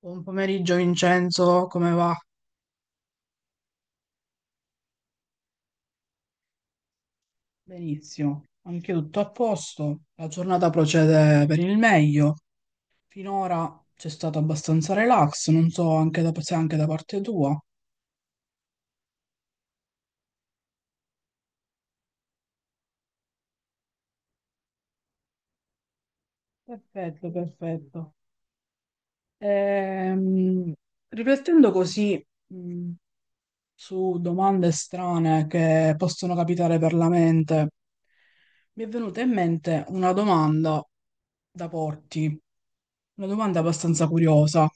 Buon pomeriggio Vincenzo, come va? Benissimo, anche tutto a posto. La giornata procede per il meglio. Finora c'è stato abbastanza relax, non so anche se anche da parte tua. Perfetto, perfetto. Ehm, riflettendo così, su domande strane che possono capitare per la mente, mi è venuta in mente una domanda da porti, una domanda abbastanza curiosa.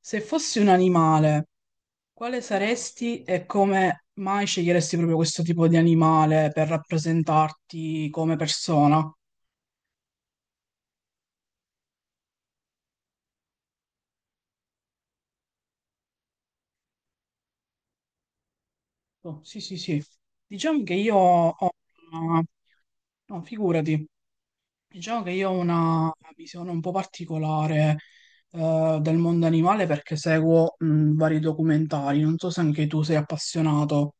Se fossi un animale, quale saresti e come mai sceglieresti proprio questo tipo di animale per rappresentarti come persona? Oh, sì, sì, sì. Diciamo che io ho una... No, figurati. Diciamo che io ho una visione un po' particolare del mondo animale perché seguo vari documentari. Non so se anche tu sei appassionato.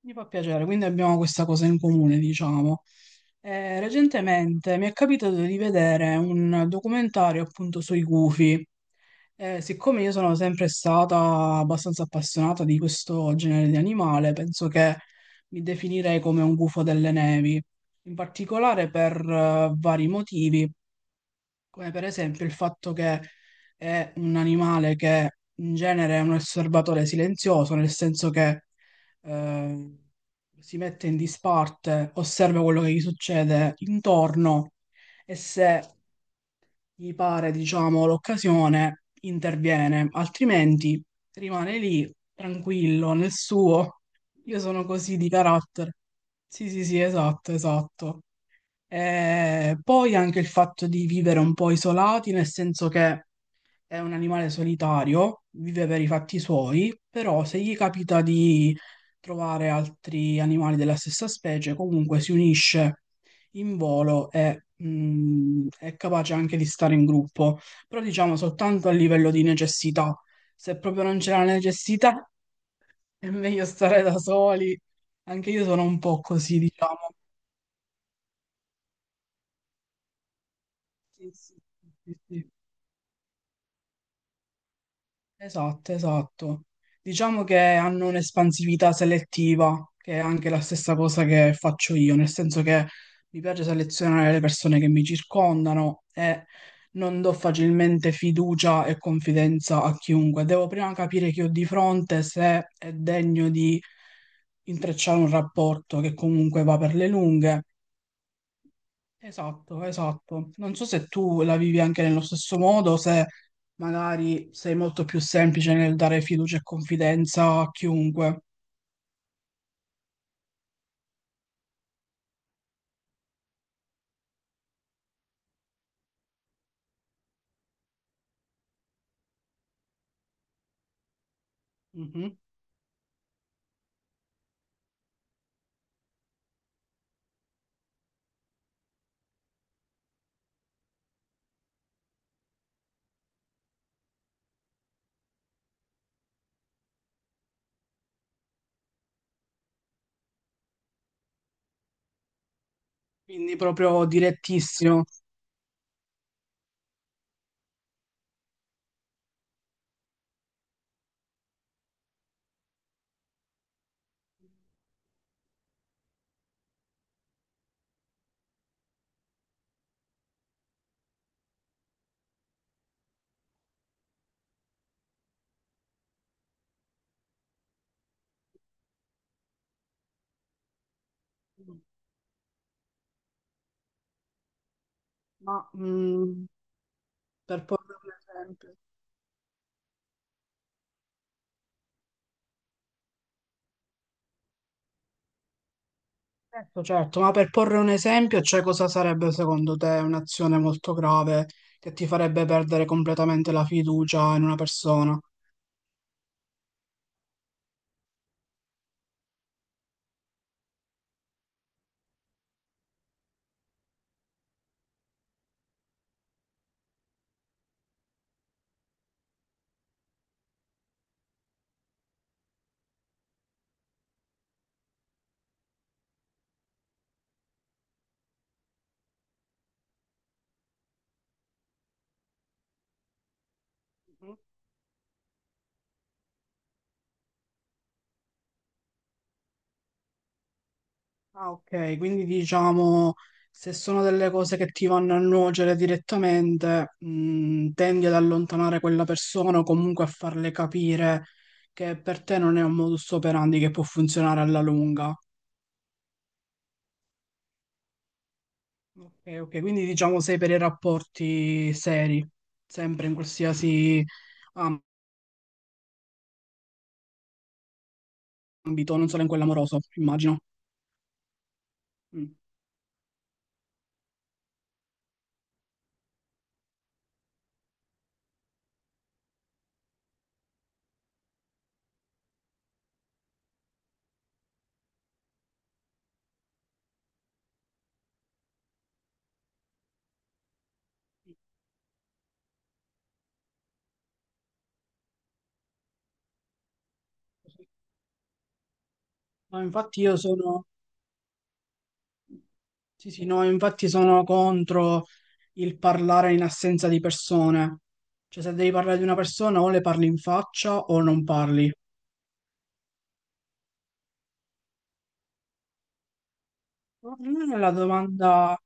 Mi fa piacere, quindi abbiamo questa cosa in comune, diciamo. Recentemente mi è capitato di vedere un documentario appunto sui gufi. Siccome io sono sempre stata abbastanza appassionata di questo genere di animale, penso che mi definirei come un gufo delle nevi, in particolare per vari motivi. Come per esempio il fatto che è un animale che in genere è un osservatore silenzioso, nel senso che eh, si mette in disparte, osserva quello che gli succede intorno e se gli pare, diciamo, l'occasione, interviene, altrimenti rimane lì tranquillo nel suo. Io sono così di carattere. Sì, sì, sì, esatto, esatto. E poi anche il fatto di vivere un po' isolati, nel senso che è un animale solitario, vive per i fatti suoi, però se gli capita di trovare altri animali della stessa specie, comunque si unisce in volo e è capace anche di stare in gruppo, però diciamo soltanto a livello di necessità. Se proprio non c'è la necessità, è meglio stare da soli. Anche io sono un po' così, diciamo. Sì, sì, sì, sì, sì. Esatto, esatto. Diciamo che hanno un'espansività selettiva, che è anche la stessa cosa che faccio io, nel senso che mi piace selezionare le persone che mi circondano e non do facilmente fiducia e confidenza a chiunque. Devo prima capire chi ho di fronte, se è degno di intrecciare un rapporto che comunque va per le lunghe. Esatto, esatto. Non so se tu la vivi anche nello stesso modo, se magari sei molto più semplice nel dare fiducia e confidenza a chiunque. Mhm. Quindi proprio direttissimo. Ma mm, per porre un esempio, certo, certo, ma per porre un esempio, cioè cosa sarebbe secondo te un'azione molto grave che ti farebbe perdere completamente la fiducia in una persona? Ah, ok, quindi diciamo se sono delle cose che ti vanno a nuocere direttamente, tendi ad allontanare quella persona o comunque a farle capire che per te non è un modus operandi che può funzionare alla lunga. Ok, ok, quindi diciamo sei per i rapporti seri, sempre in qualsiasi ambito, non solo in quello amoroso, immagino. Mm. No, infatti io sono, sì, sì, no, infatti sono contro il parlare in assenza di persone. Cioè, se devi parlare di una persona, o le parli in faccia o non parli. Per tornare alla domanda.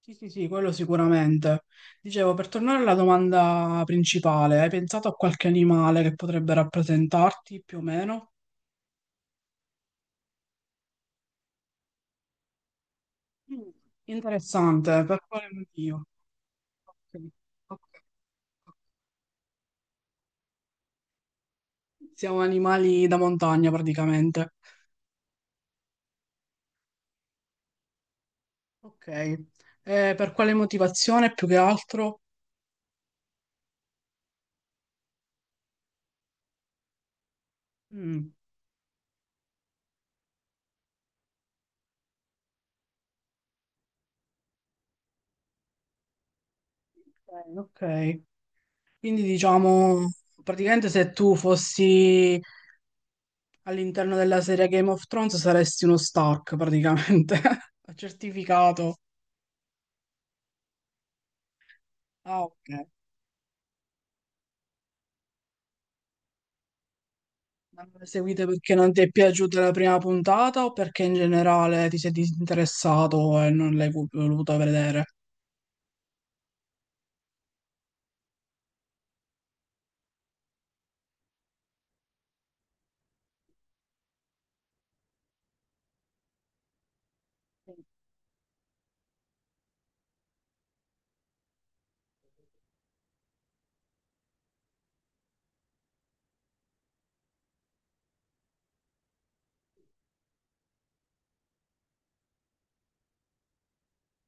Sì, sì, sì, quello sicuramente. Dicevo, per tornare alla domanda principale, hai pensato a qualche animale che potrebbe rappresentarti più o meno? Mm, interessante, per quale motivo? Ok, ok, ok. Siamo animali da montagna praticamente. Ok, per quale motivazione più che altro? Mm, ok, ok. Quindi diciamo, praticamente se tu fossi all'interno della serie Game of Thrones saresti uno Stark, praticamente. Ho certificato. Ah, ok. Ma non le seguite perché non ti è piaciuta la prima puntata o perché in generale ti sei disinteressato e non l'hai voluto vedere?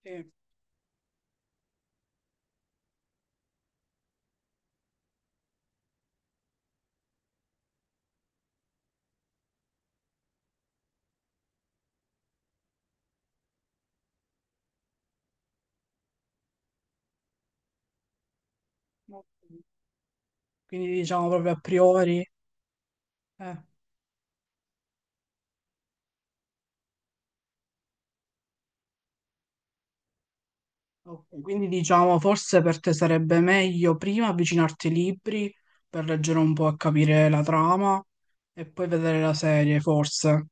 Sì. Ok. Quindi diciamo proprio a priori. Eh. Ok, quindi diciamo, forse per te sarebbe meglio prima avvicinarti ai libri per leggere un po' e capire la trama e poi vedere la serie, forse.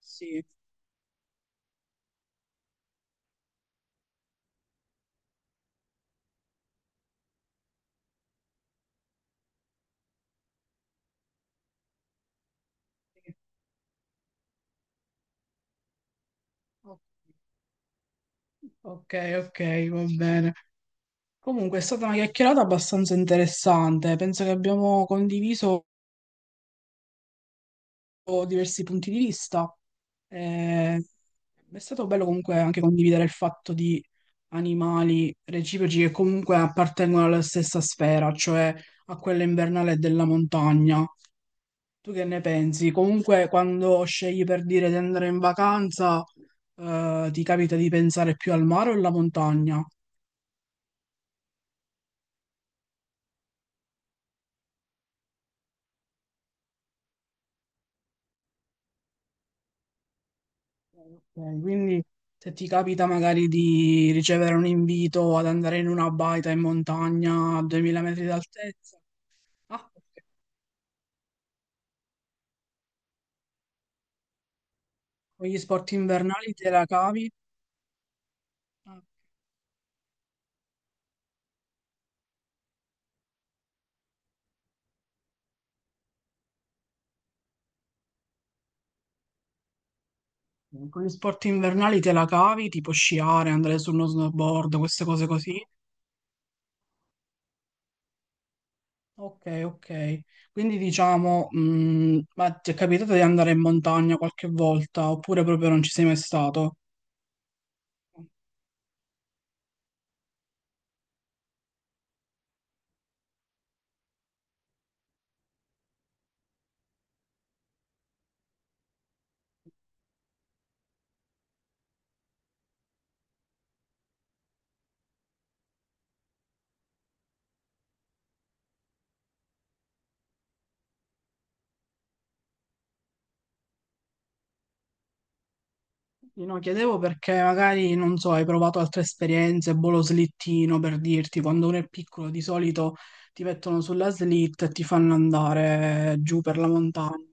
Sì. Sì. O- Ok, ok, va bene. Comunque è stata una chiacchierata abbastanza interessante, penso che abbiamo condiviso diversi punti di vista. Eh, è stato bello comunque anche condividere il fatto di animali reciproci che comunque appartengono alla stessa sfera, cioè a quella invernale della montagna. Tu che ne pensi? Comunque quando scegli per dire di andare in vacanza, ti capita di pensare più al mare o alla montagna? Ok, quindi se ti capita magari di ricevere un invito ad andare in una baita in montagna a 2000 metri d'altezza, ah, con gli sport invernali te la cavi? Ah, con gli sport invernali te la cavi, tipo sciare, andare su uno snowboard, queste cose così. Ok, ok. Quindi diciamo, ma ti è capitato di andare in montagna qualche volta oppure proprio non ci sei mai stato? Io no, chiedevo perché magari, non so, hai provato altre esperienze, boh, lo slittino per dirti, quando uno è piccolo di solito ti mettono sulla slitta e ti fanno andare giù per la montagna.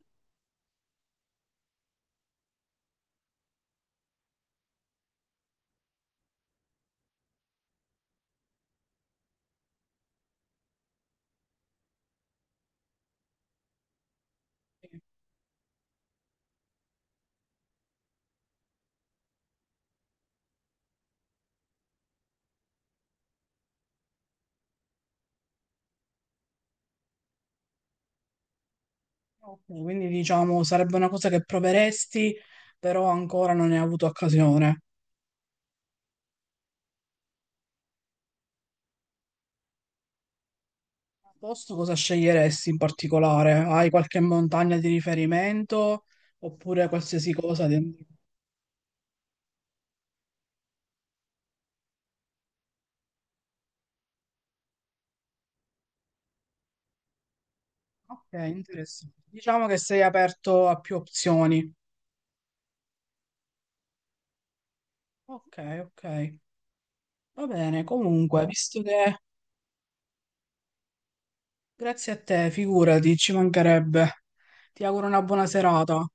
Ok, quindi diciamo sarebbe una cosa che proveresti, però ancora non ne hai avuto occasione. A posto cosa sceglieresti in particolare? Hai qualche montagna di riferimento oppure qualsiasi cosa? Ok, interessante. Diciamo che sei aperto a più opzioni. Ok, ok. Va bene, comunque, visto che grazie a te, figurati, ci mancherebbe. Ti auguro una buona serata.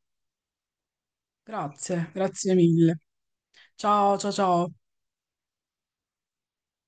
Grazie, grazie mille. Ciao, ciao, ciao.